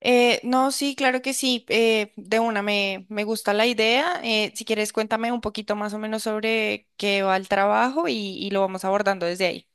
No, sí, claro que sí. De una, me gusta la idea. Si quieres, cuéntame un poquito más o menos sobre qué va el trabajo y lo vamos abordando desde ahí.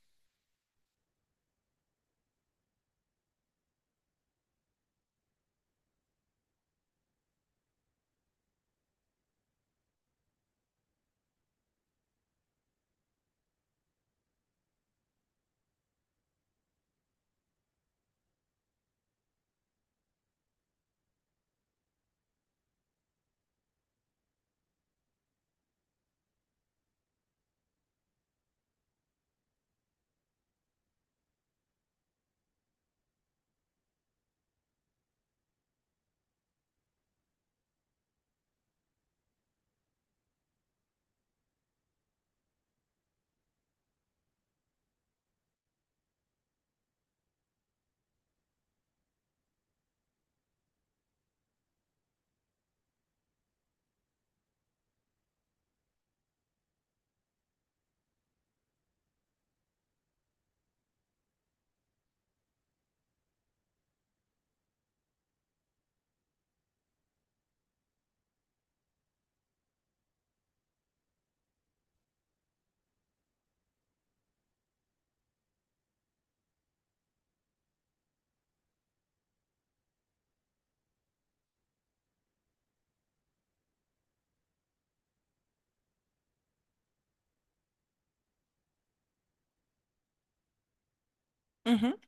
Ujú.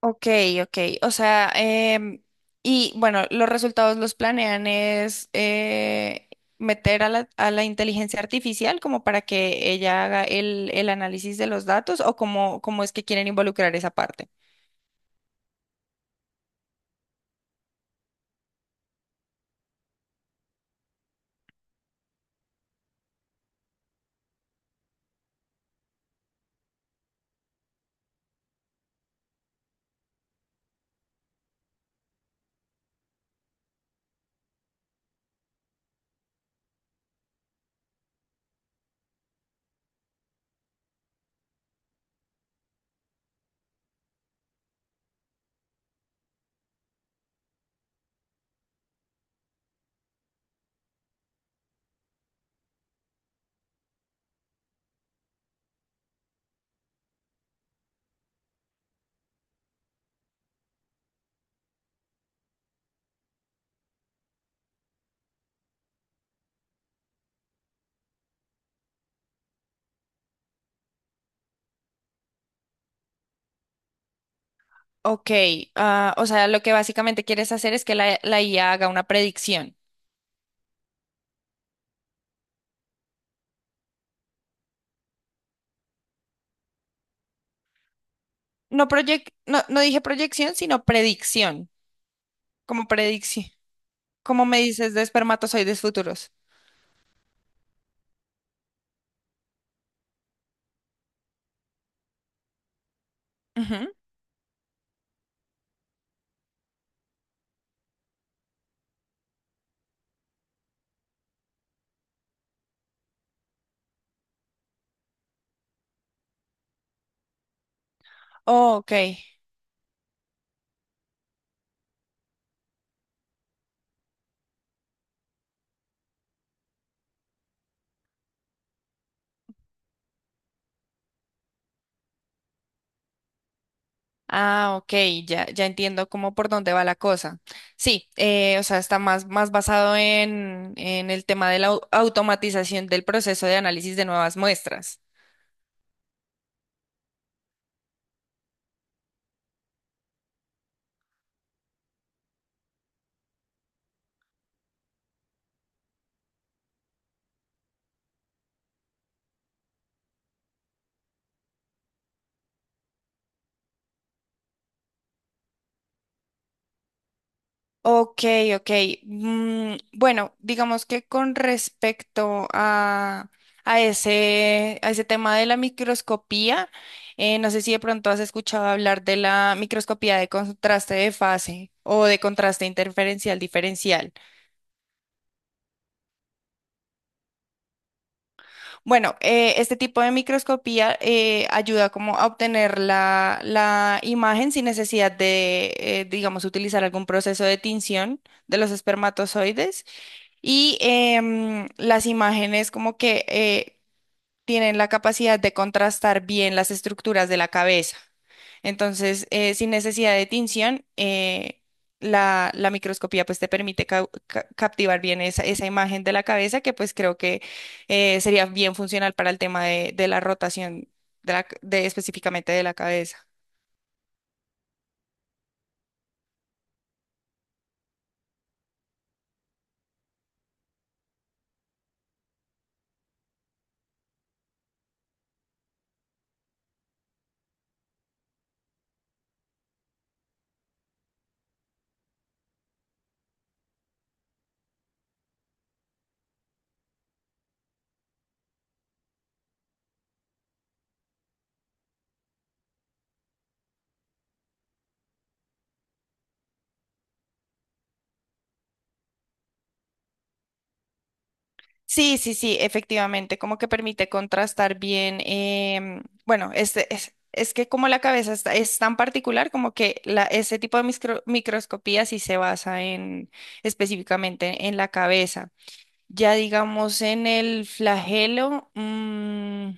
Ok, ok. O sea, y bueno, los resultados los planean es meter a a la inteligencia artificial como para que ella haga el análisis de los datos o cómo es que quieren involucrar esa parte. Ok, ah, o sea, lo que básicamente quieres hacer es que la IA haga una predicción. No, no dije proyección, sino predicción. Como predicción. ¿Como me dices de espermatozoides futuros? Ujú. Oh, ok. Ah, ok, ya entiendo cómo por dónde va la cosa. Sí, o sea, está más basado en el tema de la automatización del proceso de análisis de nuevas muestras. Ok, ok. Mm, bueno, digamos que con respecto a ese tema de la microscopía, no sé si de pronto has escuchado hablar de la microscopía de contraste de fase o de contraste interferencial diferencial. Bueno, este tipo de microscopía ayuda como a obtener la imagen sin necesidad de, digamos, utilizar algún proceso de tinción de los espermatozoides. Y las imágenes como que tienen la capacidad de contrastar bien las estructuras de la cabeza. Entonces, sin necesidad de tinción, la microscopía pues te permite captivar bien esa, esa imagen de la cabeza que pues creo que sería bien funcional para el tema de la rotación de la c- de específicamente de la cabeza. Sí, sí, sí, efectivamente, como que permite contrastar bien, em, bueno, este es que como la cabeza es tan particular, como que ese tipo de microscopía sí se basa en específicamente en la cabeza. Ya digamos en el flagelo, mm,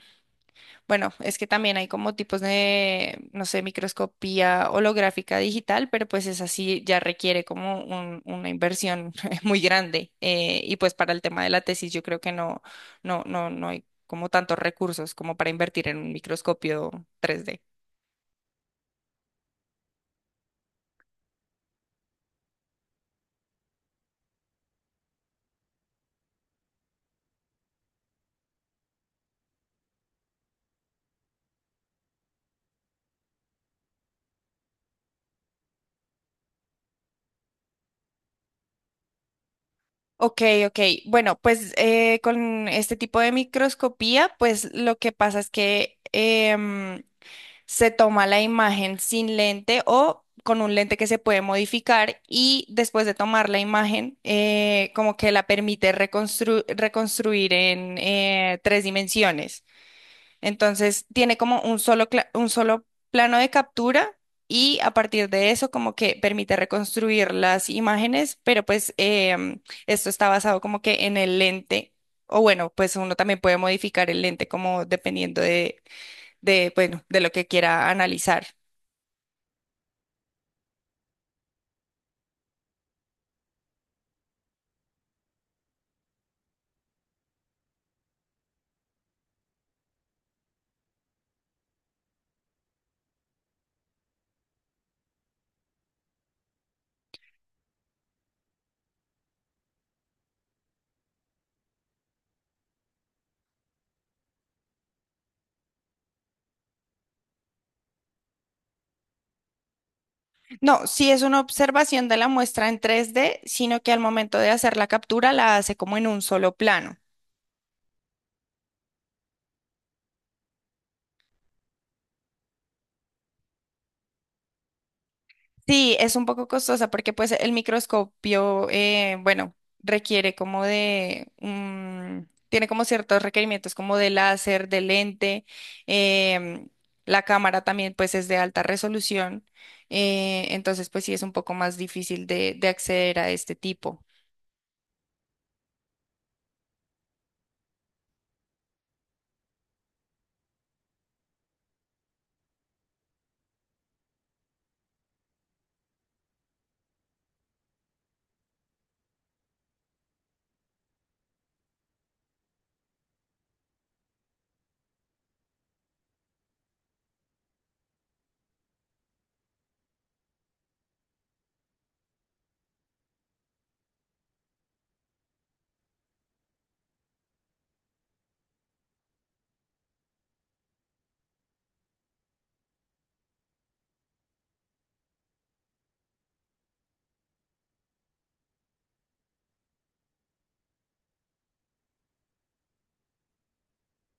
bueno, es que también hay como tipos de, no sé, microscopía holográfica digital, pero pues es así, ya requiere como una inversión muy grande. Y pues para el tema de la tesis yo creo que no, no hay como tantos recursos como para invertir en un microscopio 3D. Ok, ok. Bueno, pues con este tipo de microscopía, pues lo que pasa es que se toma la imagen sin lente o con un lente que se puede modificar y después de tomar la imagen, como que la permite reconstruir en tres dimensiones. Entonces, tiene como un solo, un solo plano de captura y a partir de eso, como que permite reconstruir las imágenes, pero pues em, esto está basado como que en el lente. O bueno, pues uno también puede modificar el lente como dependiendo de, bueno, de lo que quiera analizar. No, sí es una observación de la muestra en 3D, sino que al momento de hacer la captura la hace como en un solo plano. Sí, es un poco costosa porque pues el microscopio, bueno, requiere como de, tiene como ciertos requerimientos como de láser, de lente, em, la cámara también pues es de alta resolución, entonces pues sí es un poco más difícil de acceder a este tipo.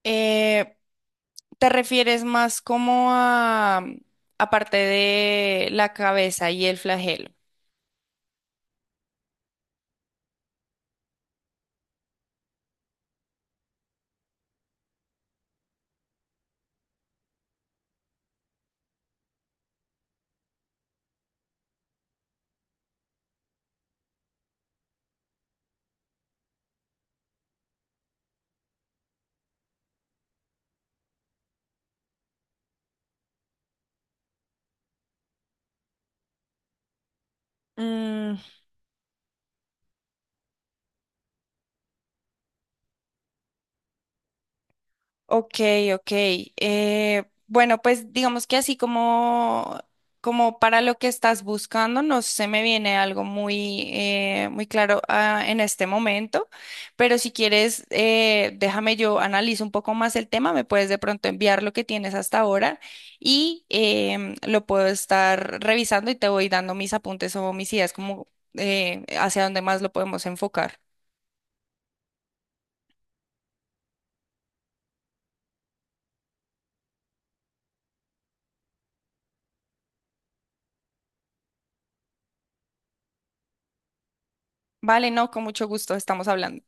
Eh, ¿Te refieres más como a, aparte de la cabeza y el flagelo? Mm. Ok, ok. Bueno, pues digamos que así como, como para lo que estás buscando, no se me viene algo muy, muy claro, ah, en este momento, pero si quieres, déjame yo analizo un poco más el tema, me puedes de pronto enviar lo que tienes hasta ahora y em, lo puedo estar revisando y te voy dando mis apuntes o mis ideas como hacia dónde más lo podemos enfocar. Vale, no, con mucho gusto, estamos hablando.